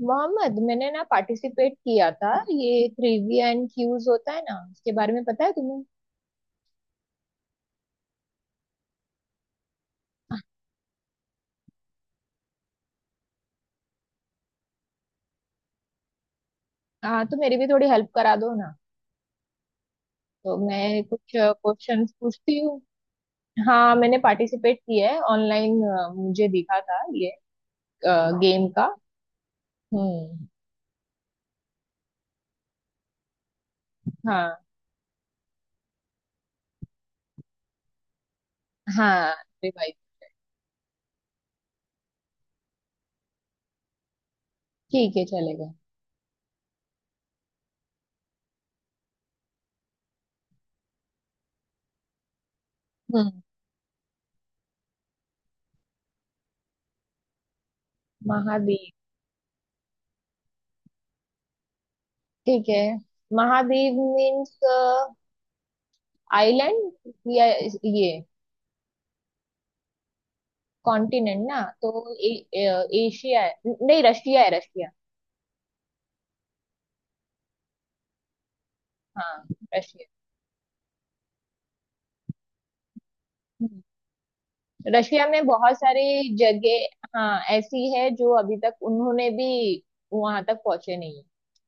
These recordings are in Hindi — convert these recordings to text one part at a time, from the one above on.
मोहम्मद, मैंने ना पार्टिसिपेट किया था। ये ट्रिविया एंड क्यूज होता है ना, उसके बारे में पता है तुम्हें? हाँ, तो मेरी भी थोड़ी हेल्प करा दो ना। तो मैं कुछ क्वेश्चंस पूछती हूँ। हाँ, मैंने पार्टिसिपेट किया है ऑनलाइन। मुझे दिखा था ये गेम का। हम्म। हाँ, हाँ। रिवाइज। ठीक है, चलेगा। हम्म। महाद्वीप। ठीक है। महाद्वीप मीन्स आइलैंड, या ये कॉन्टिनेंट ना तो ए, ए, एशिया है, नहीं रशिया है, रशिया। हाँ, रशिया। हम्म। रशिया में बहुत सारी जगह, हाँ, ऐसी है जो अभी तक उन्होंने भी वहां तक पहुंचे नहीं है।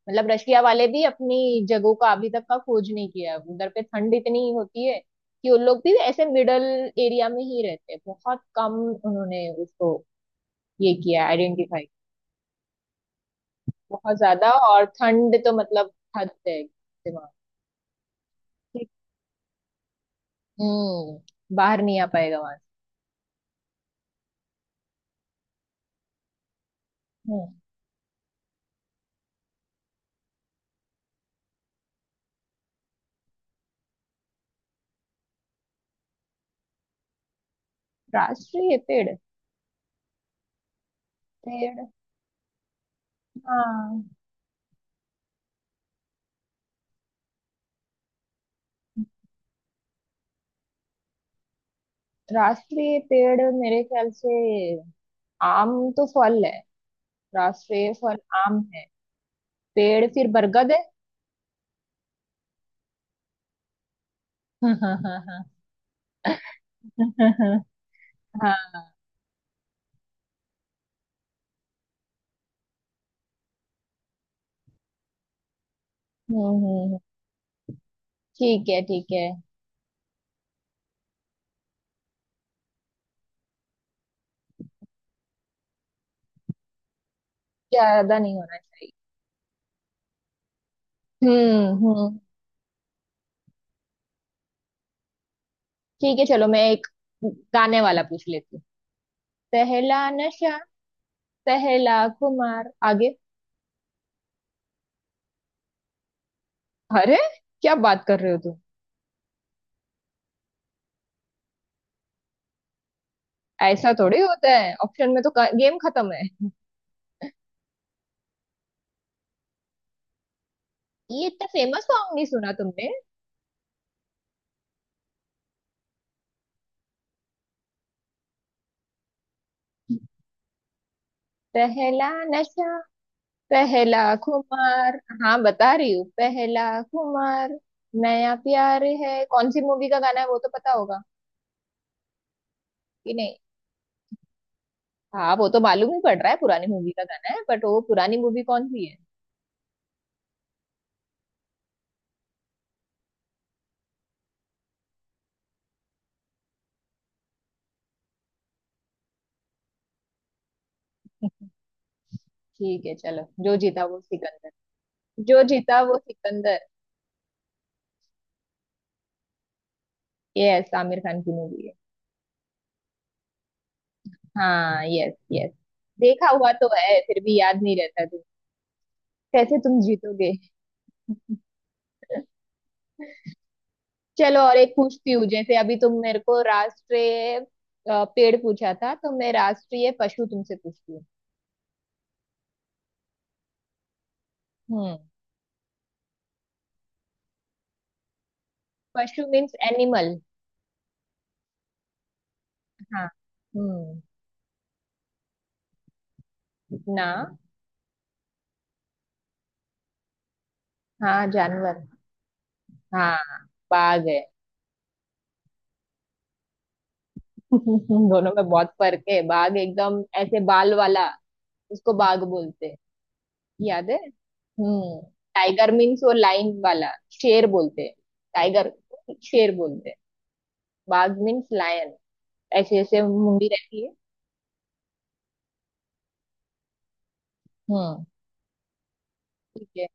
मतलब रशिया वाले भी अपनी जगहों का अभी तक का खोज नहीं किया है। उधर पे ठंड इतनी होती है कि उन लोग भी ऐसे मिडल एरिया में ही रहते हैं। बहुत कम उन्होंने उसको ये किया आइडेंटिफाई। बहुत ज्यादा, और ठंड तो मतलब हद है, दिमाग। बाहर नहीं आ पाएगा वहां से। हम्म। राष्ट्रीय पेड़, पेड़? हाँ। राष्ट्रीय पेड़ मेरे ख्याल से आम, तो फल है, राष्ट्रीय फल आम है। पेड़ फिर बरगद है। हाँ। हम्म, हम्म। ठीक है, ठीक है। ज्यादा नहीं होना चाहिए। हम्म, हम्म। ठीक है, चलो मैं एक गाने वाला पूछ लेती हूँ। पहला नशा, पहला खुमार, आगे? अरे, क्या बात कर रहे हो तुम? ऐसा थोड़ी होता है, ऑप्शन में तो गेम खत्म है। ये इतना फेमस सॉन्ग नहीं सुना तुमने? पहला नशा, पहला खुमार। हाँ, बता रही हूँ, पहला खुमार नया प्यार है, कौन सी मूवी का गाना है वो तो पता होगा कि नहीं? हाँ, वो तो मालूम ही पड़ रहा है पुरानी मूवी का गाना है, बट वो पुरानी मूवी कौन सी है? ठीक है, चलो। जो जीता वो सिकंदर। जो जीता वो सिकंदर। यस, आमिर खान की मूवी है। हाँ, यस, यस। देखा हुआ तो है फिर भी याद नहीं रहता, तुम कैसे तुम जीतोगे? चलो और एक पूछती हूँ। जैसे अभी तुम मेरे को राष्ट्रीय पेड़ पूछा था, तो मैं राष्ट्रीय पशु तुमसे पूछती हूँ। हम्म। पशु मीन्स एनिमल। हाँ। हम्म। ना। हाँ, जानवर। हाँ, बाघ है। दोनों में बहुत फर्क है। बाघ एकदम ऐसे बाल वाला, उसको बाघ बोलते हैं। याद है? हम्म। टाइगर मीन्स वो लाइन वाला, शेर बोलते हैं। टाइगर को शेर बोलते हैं। बाघ मीन्स लायन। ऐसे ऐसे मुंडी रहती है। हम्म। ठीक है।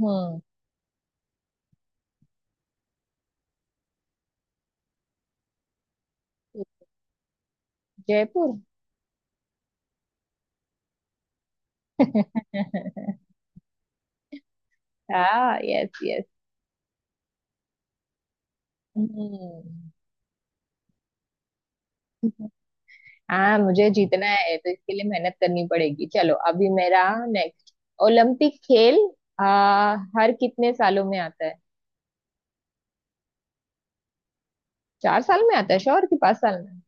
हम्म। जयपुर। हाँ, यस, यस। हम्म। हाँ, मुझे जीतना है तो इसके लिए मेहनत करनी पड़ेगी। चलो, अभी मेरा नेक्स्ट। ओलंपिक खेल आ, हर कितने सालों में आता है? 4 साल में आता है श्योर, कि 5 साल में?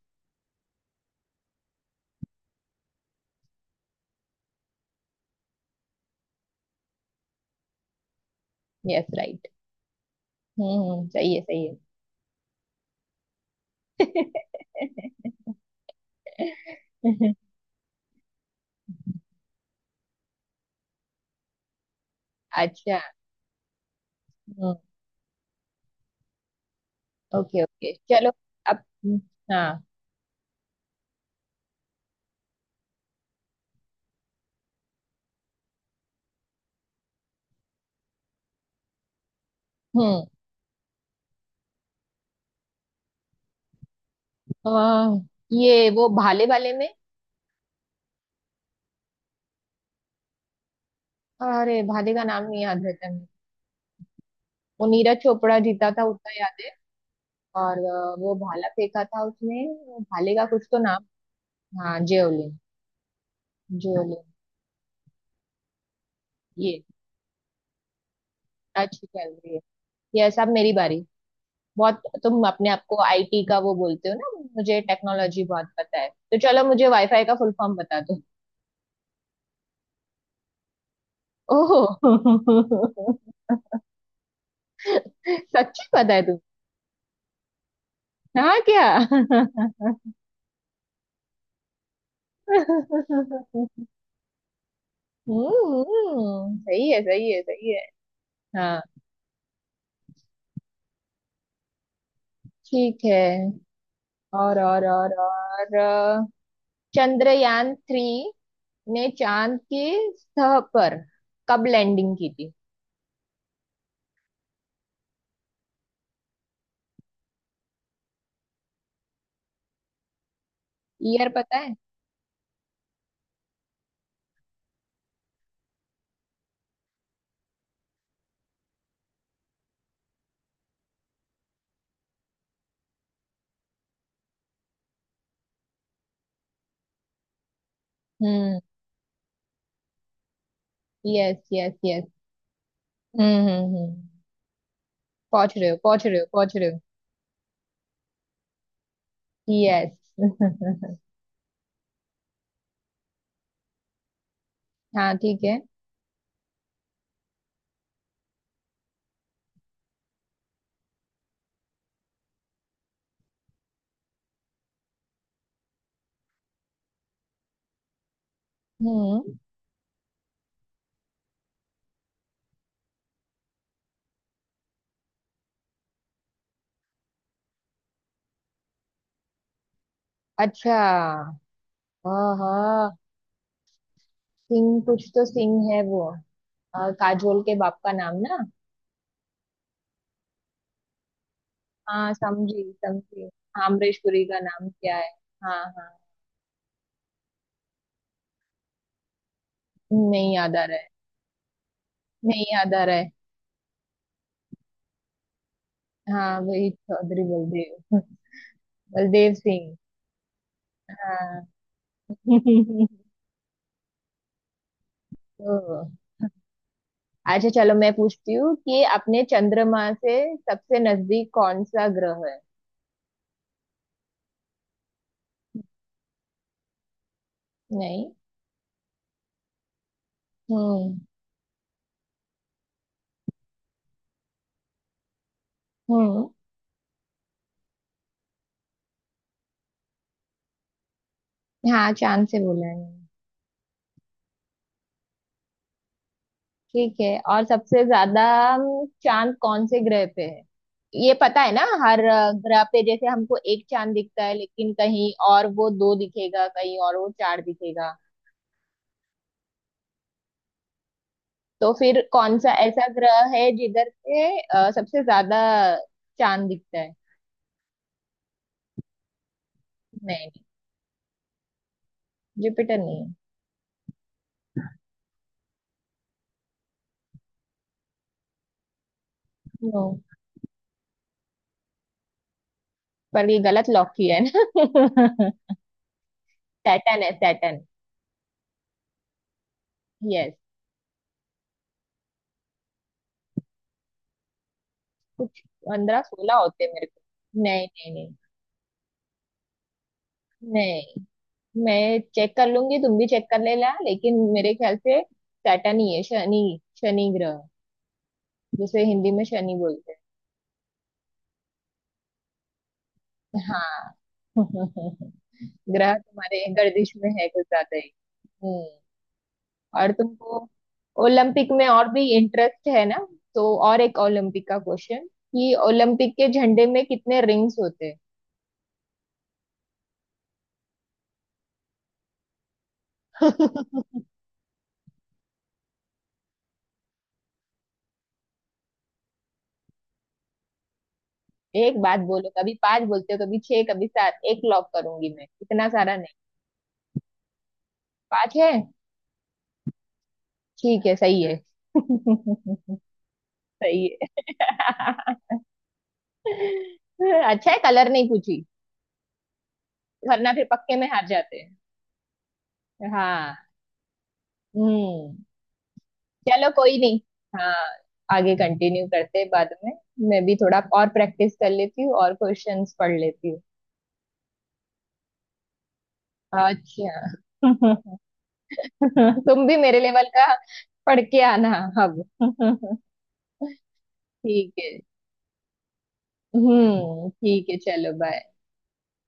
Yes, right. हम्म, सही है, सही है। अच्छा। हम्म। ओके, ओके, चलो। अब। हाँ। हम्म। आ, ये वो भाले वाले में। अरे, भाले का नाम नहीं याद रहता। वो नीरज चोपड़ा जीता था, उतना याद है। और वो भाला फेंका था उसने, वो भाले का कुछ तो नाम। हाँ, जेवलिन। जेवलिन। ये अच्छी चल रही है। ये सब मेरी बारी बहुत। तुम अपने आप को आईटी का वो बोलते हो ना, मुझे टेक्नोलॉजी बहुत पता है, तो चलो मुझे वाईफाई का फुल फॉर्म बता दो। ओह। सच्ची, पता है तुम? हाँ, क्या? हम्म, सही है, सही है, सही है। हाँ, ठीक है। और और और और चंद्रयान 3 ने चांद की सतह पर कब लैंडिंग की थी? ईयर पता है? हम्म, यस, यस, यस। हम्म, हम्म, हम्म। पहुंच रहे हो, पहुंच रहे हो, पहुंच रहे हो। यस। हाँ, ठीक है। हम्म। अच्छा, हाँ, हाँ, सिंह, कुछ तो सिंह है वो। काजोल के बाप का नाम ना? हाँ, समझी, समझी। हाँ, अमरीश पुरी का नाम क्या है? हाँ, हाँ। नहीं याद आ रहा है। नहीं याद आ रहा है। हाँ, वही चौधरी बलदेव। बलदेव सिंह। हाँ। तो अच्छा, चलो मैं पूछती हूँ कि अपने चंद्रमा से सबसे नजदीक कौन सा ग्रह है? नहीं। हम्म, हम्म। हाँ चांद से बोला है मैंने। ठीक है, और सबसे ज्यादा चांद कौन से ग्रह पे है? ये पता है ना हर ग्रह पे, जैसे हमको एक चांद दिखता है, लेकिन कहीं और वो दो दिखेगा, कहीं और वो चार दिखेगा। तो फिर कौन सा ऐसा ग्रह है जिधर पे सबसे ज्यादा चांद दिखता है? नहीं, नहीं। जुपिटर नहीं है। नो। पर ये गलत लॉक किया है ना? सैटर्न है, सैटर्न। यस। कुछ। 15-16 होते हैं मेरे को। नहीं, नहीं, नहीं, नहीं। मैं चेक कर लूंगी, तुम भी चेक कर लेना। लेकिन मेरे ख्याल से सैटर्न ही है, शनि, शनि ग्रह जिसे हिंदी में शनि बोलते हैं। हाँ। ग्रह तुम्हारे गर्दिश में है कुछ ज्यादा ही। हम्म। और तुमको ओलंपिक में और भी इंटरेस्ट है ना, तो और एक ओलंपिक का क्वेश्चन, कि ओलंपिक के झंडे में कितने रिंग्स होते हैं? एक बात बोलो, कभी पांच बोलते हो, कभी छह, कभी सात। एक लॉक करूंगी मैं, इतना सारा नहीं। पांच है। ठीक है, सही है। सही है। अच्छा है, कलर नहीं पूछी, वरना फिर पक्के में हार जाते हैं। हाँ। हम्म। चलो, कोई नहीं। हाँ। आगे कंटिन्यू करते हैं बाद में। मैं भी थोड़ा और प्रैक्टिस कर लेती हूँ और क्वेश्चंस पढ़ लेती हूँ। अच्छा। तुम भी मेरे लेवल का पढ़ के आना अब। ठीक है। हम्म, ठीक है, चलो, बाय।